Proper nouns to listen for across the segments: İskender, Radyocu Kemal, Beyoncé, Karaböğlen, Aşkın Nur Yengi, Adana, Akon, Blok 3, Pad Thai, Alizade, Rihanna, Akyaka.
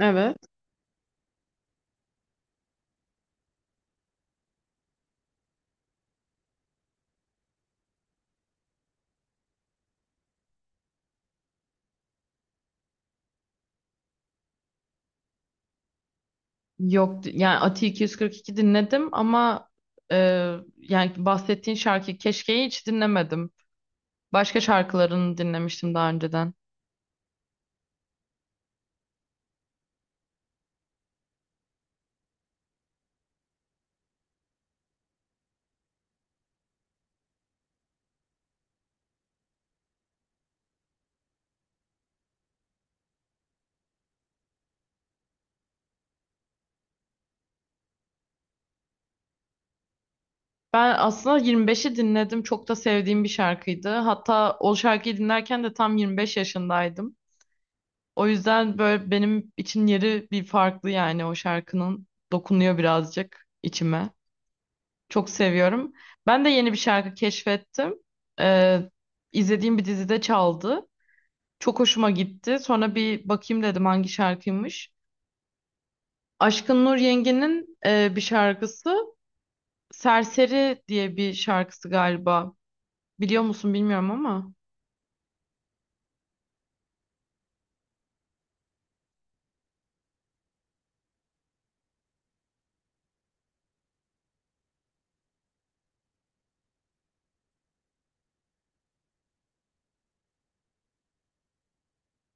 Evet. Yok yani Ati 242 dinledim ama e, yani bahsettiğin şarkı Keşke'yi hiç dinlemedim. Başka şarkılarını dinlemiştim daha önceden. Ben aslında 25'i dinledim. Çok da sevdiğim bir şarkıydı. Hatta o şarkıyı dinlerken de tam 25 yaşındaydım. O yüzden böyle benim için yeri bir farklı yani o şarkının dokunuyor birazcık içime. Çok seviyorum. Ben de yeni bir şarkı keşfettim. E, izlediğim bir dizide çaldı. Çok hoşuma gitti. Sonra bir bakayım dedim hangi şarkıymış. Aşkın Nur Yengi'nin bir şarkısı. Serseri diye bir şarkısı galiba. Biliyor musun bilmiyorum ama.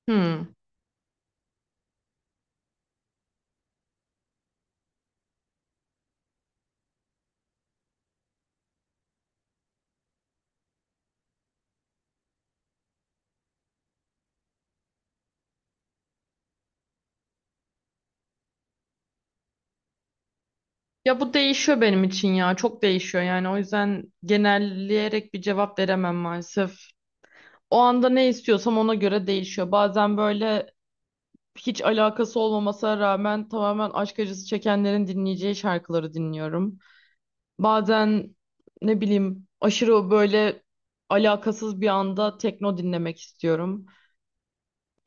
Hmm. Ya bu değişiyor benim için ya. Çok değişiyor yani. O yüzden genelleyerek bir cevap veremem maalesef. O anda ne istiyorsam ona göre değişiyor. Bazen böyle hiç alakası olmamasına rağmen tamamen aşk acısı çekenlerin dinleyeceği şarkıları dinliyorum. Bazen ne bileyim aşırı böyle alakasız bir anda tekno dinlemek istiyorum.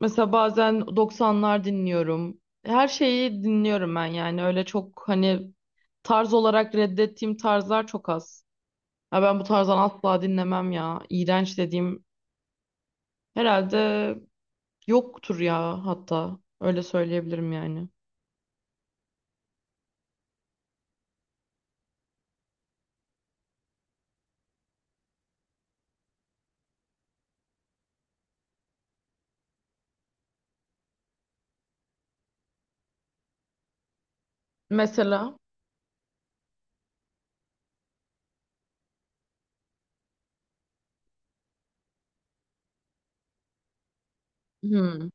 Mesela bazen doksanlar dinliyorum. Her şeyi dinliyorum ben yani öyle çok hani tarz olarak reddettiğim tarzlar çok az. Ya ben bu tarzdan asla dinlemem ya. İğrenç dediğim herhalde yoktur ya hatta öyle söyleyebilirim yani. Mesela hmm,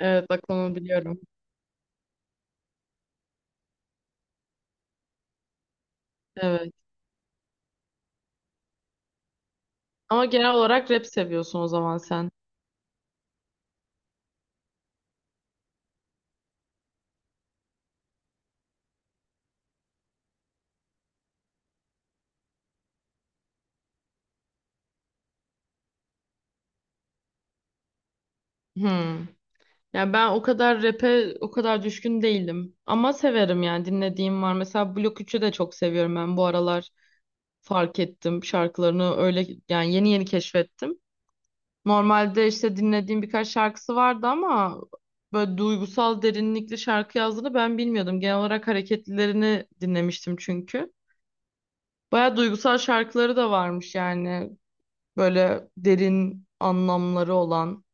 evet bak onu biliyorum. Evet. Ama genel olarak rap seviyorsun o zaman sen. Hmm. Yani ben o kadar rap'e o kadar düşkün değilim. Ama severim yani dinlediğim var. Mesela Blok 3'ü de çok seviyorum ben bu aralar. Fark ettim şarkılarını öyle yani yeni yeni keşfettim. Normalde işte dinlediğim birkaç şarkısı vardı ama böyle duygusal derinlikli şarkı yazdığını ben bilmiyordum. Genel olarak hareketlilerini dinlemiştim çünkü. Baya duygusal şarkıları da varmış yani. Böyle derin anlamları olan.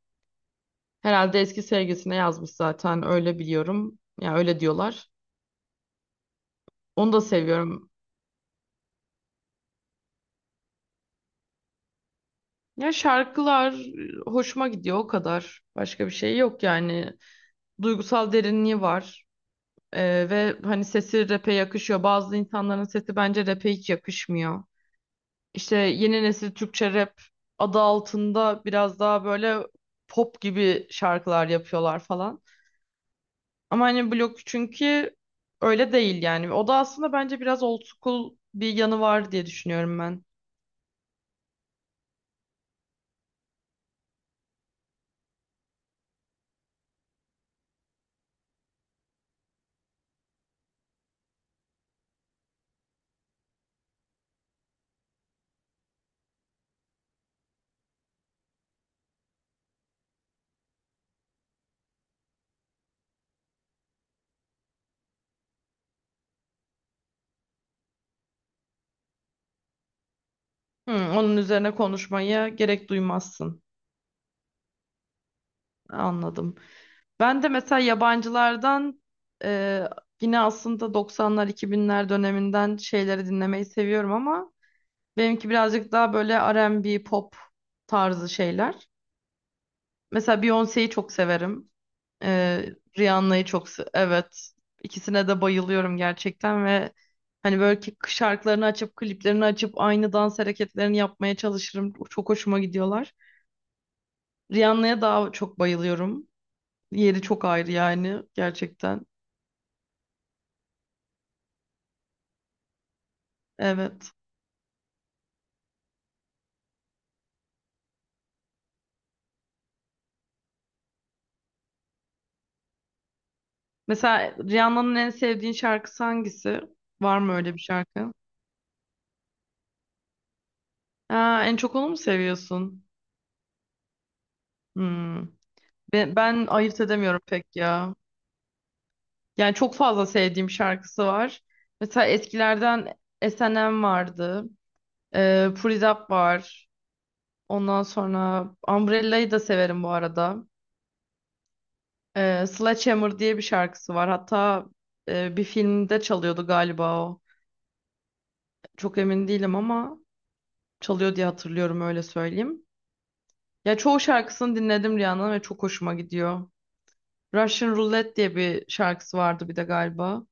Herhalde eski sevgisine yazmış zaten öyle biliyorum. Ya öyle diyorlar. Onu da seviyorum. Ya şarkılar hoşuma gidiyor o kadar. Başka bir şey yok yani. Duygusal derinliği var. Ve hani sesi rap'e yakışıyor. Bazı insanların sesi bence rap'e hiç yakışmıyor. İşte yeni nesil Türkçe rap adı altında biraz daha böyle pop gibi şarkılar yapıyorlar falan. Ama hani Blok çünkü öyle değil yani. O da aslında bence biraz old school bir yanı var diye düşünüyorum ben. Hı, onun üzerine konuşmaya gerek duymazsın. Anladım. Ben de mesela yabancılardan e, yine aslında 90'lar 2000'ler döneminden şeyleri dinlemeyi seviyorum ama benimki birazcık daha böyle R&B pop tarzı şeyler. Mesela Beyoncé'yi çok severim. E, Rihanna'yı evet. İkisine de bayılıyorum gerçekten ve hani böyle ki şarkılarını açıp kliplerini açıp aynı dans hareketlerini yapmaya çalışırım. Çok hoşuma gidiyorlar. Rihanna'ya daha çok bayılıyorum. Yeri çok ayrı yani gerçekten. Evet. Mesela Rihanna'nın en sevdiğin şarkısı hangisi? Var mı öyle bir şarkı? Aa, en çok onu mu seviyorsun? Hmm. Ben ayırt edemiyorum pek ya. Yani çok fazla sevdiğim şarkısı var. Mesela eskilerden S&M vardı. Put It Up var. Ondan sonra Umbrella'yı da severim bu arada. Sledgehammer diye bir şarkısı var. Hatta bir filmde çalıyordu galiba o. Çok emin değilim ama çalıyor diye hatırlıyorum öyle söyleyeyim. Ya çoğu şarkısını dinledim Rihanna'nın ve çok hoşuma gidiyor. Russian Roulette diye bir şarkısı vardı bir de galiba.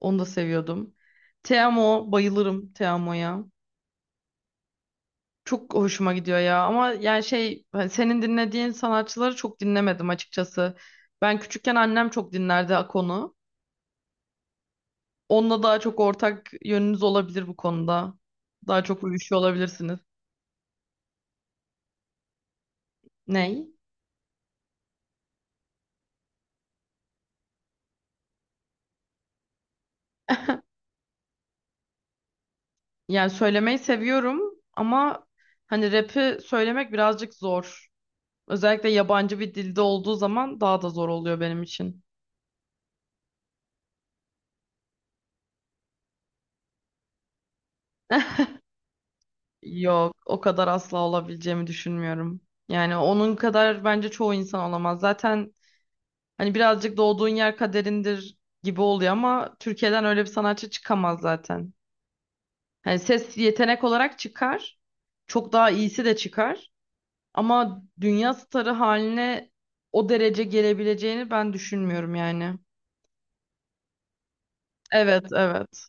Onu da seviyordum. Te Amo, bayılırım Te Amo'ya. Çok hoşuma gidiyor ya ama yani şey hani senin dinlediğin sanatçıları çok dinlemedim açıkçası. Ben küçükken annem çok dinlerdi Akon'u. Onunla daha çok ortak yönünüz olabilir bu konuda. Daha çok uyuşuyor olabilirsiniz. Ney? Yani söylemeyi seviyorum ama hani rap'i söylemek birazcık zor. Özellikle yabancı bir dilde olduğu zaman daha da zor oluyor benim için. Yok, o kadar asla olabileceğimi düşünmüyorum. Yani onun kadar bence çoğu insan olamaz. Zaten hani birazcık doğduğun yer kaderindir gibi oluyor ama Türkiye'den öyle bir sanatçı çıkamaz zaten. Hani ses yetenek olarak çıkar. Çok daha iyisi de çıkar. Ama dünya starı haline o derece gelebileceğini ben düşünmüyorum yani. Evet, evet.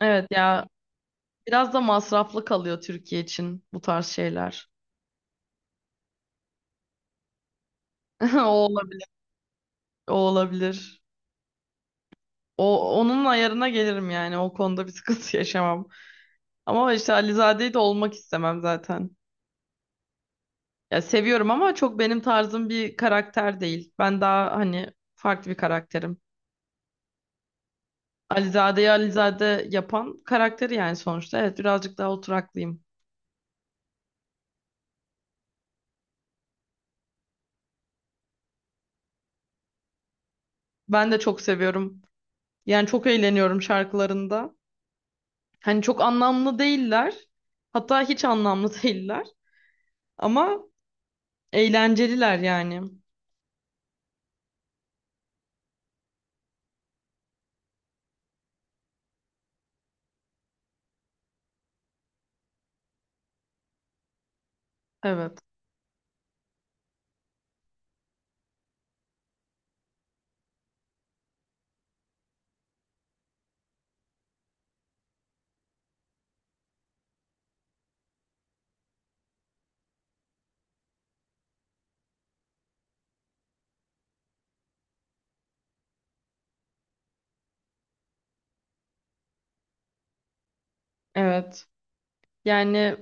Evet ya, biraz da masraflı kalıyor Türkiye için bu tarz şeyler. O olabilir. O olabilir. Onun ayarına gelirim yani. O konuda bir sıkıntı yaşamam. Ama işte Alizade'yi de olmak istemem zaten. Ya seviyorum ama çok benim tarzım bir karakter değil. Ben daha hani farklı bir karakterim. Alizade'yi Alizade yapan karakteri yani sonuçta. Evet birazcık daha oturaklıyım. Ben de çok seviyorum. Yani çok eğleniyorum şarkılarında. Hani çok anlamlı değiller. Hatta hiç anlamlı değiller. Ama eğlenceliler yani. Evet. Evet. Yani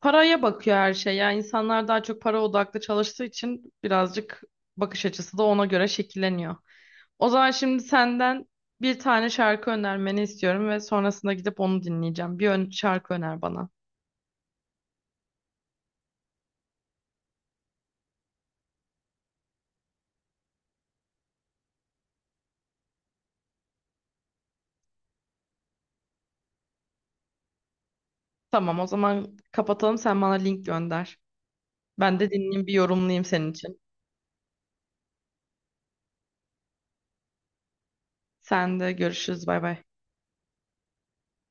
paraya bakıyor her şey. Yani insanlar daha çok para odaklı çalıştığı için birazcık bakış açısı da ona göre şekilleniyor. O zaman şimdi senden bir tane şarkı önermeni istiyorum ve sonrasında gidip onu dinleyeceğim. Bir ön şarkı öner bana. Tamam, o zaman kapatalım. Sen bana link gönder. Ben de dinleyeyim, bir yorumlayayım senin için. Sen de görüşürüz. Bay bay.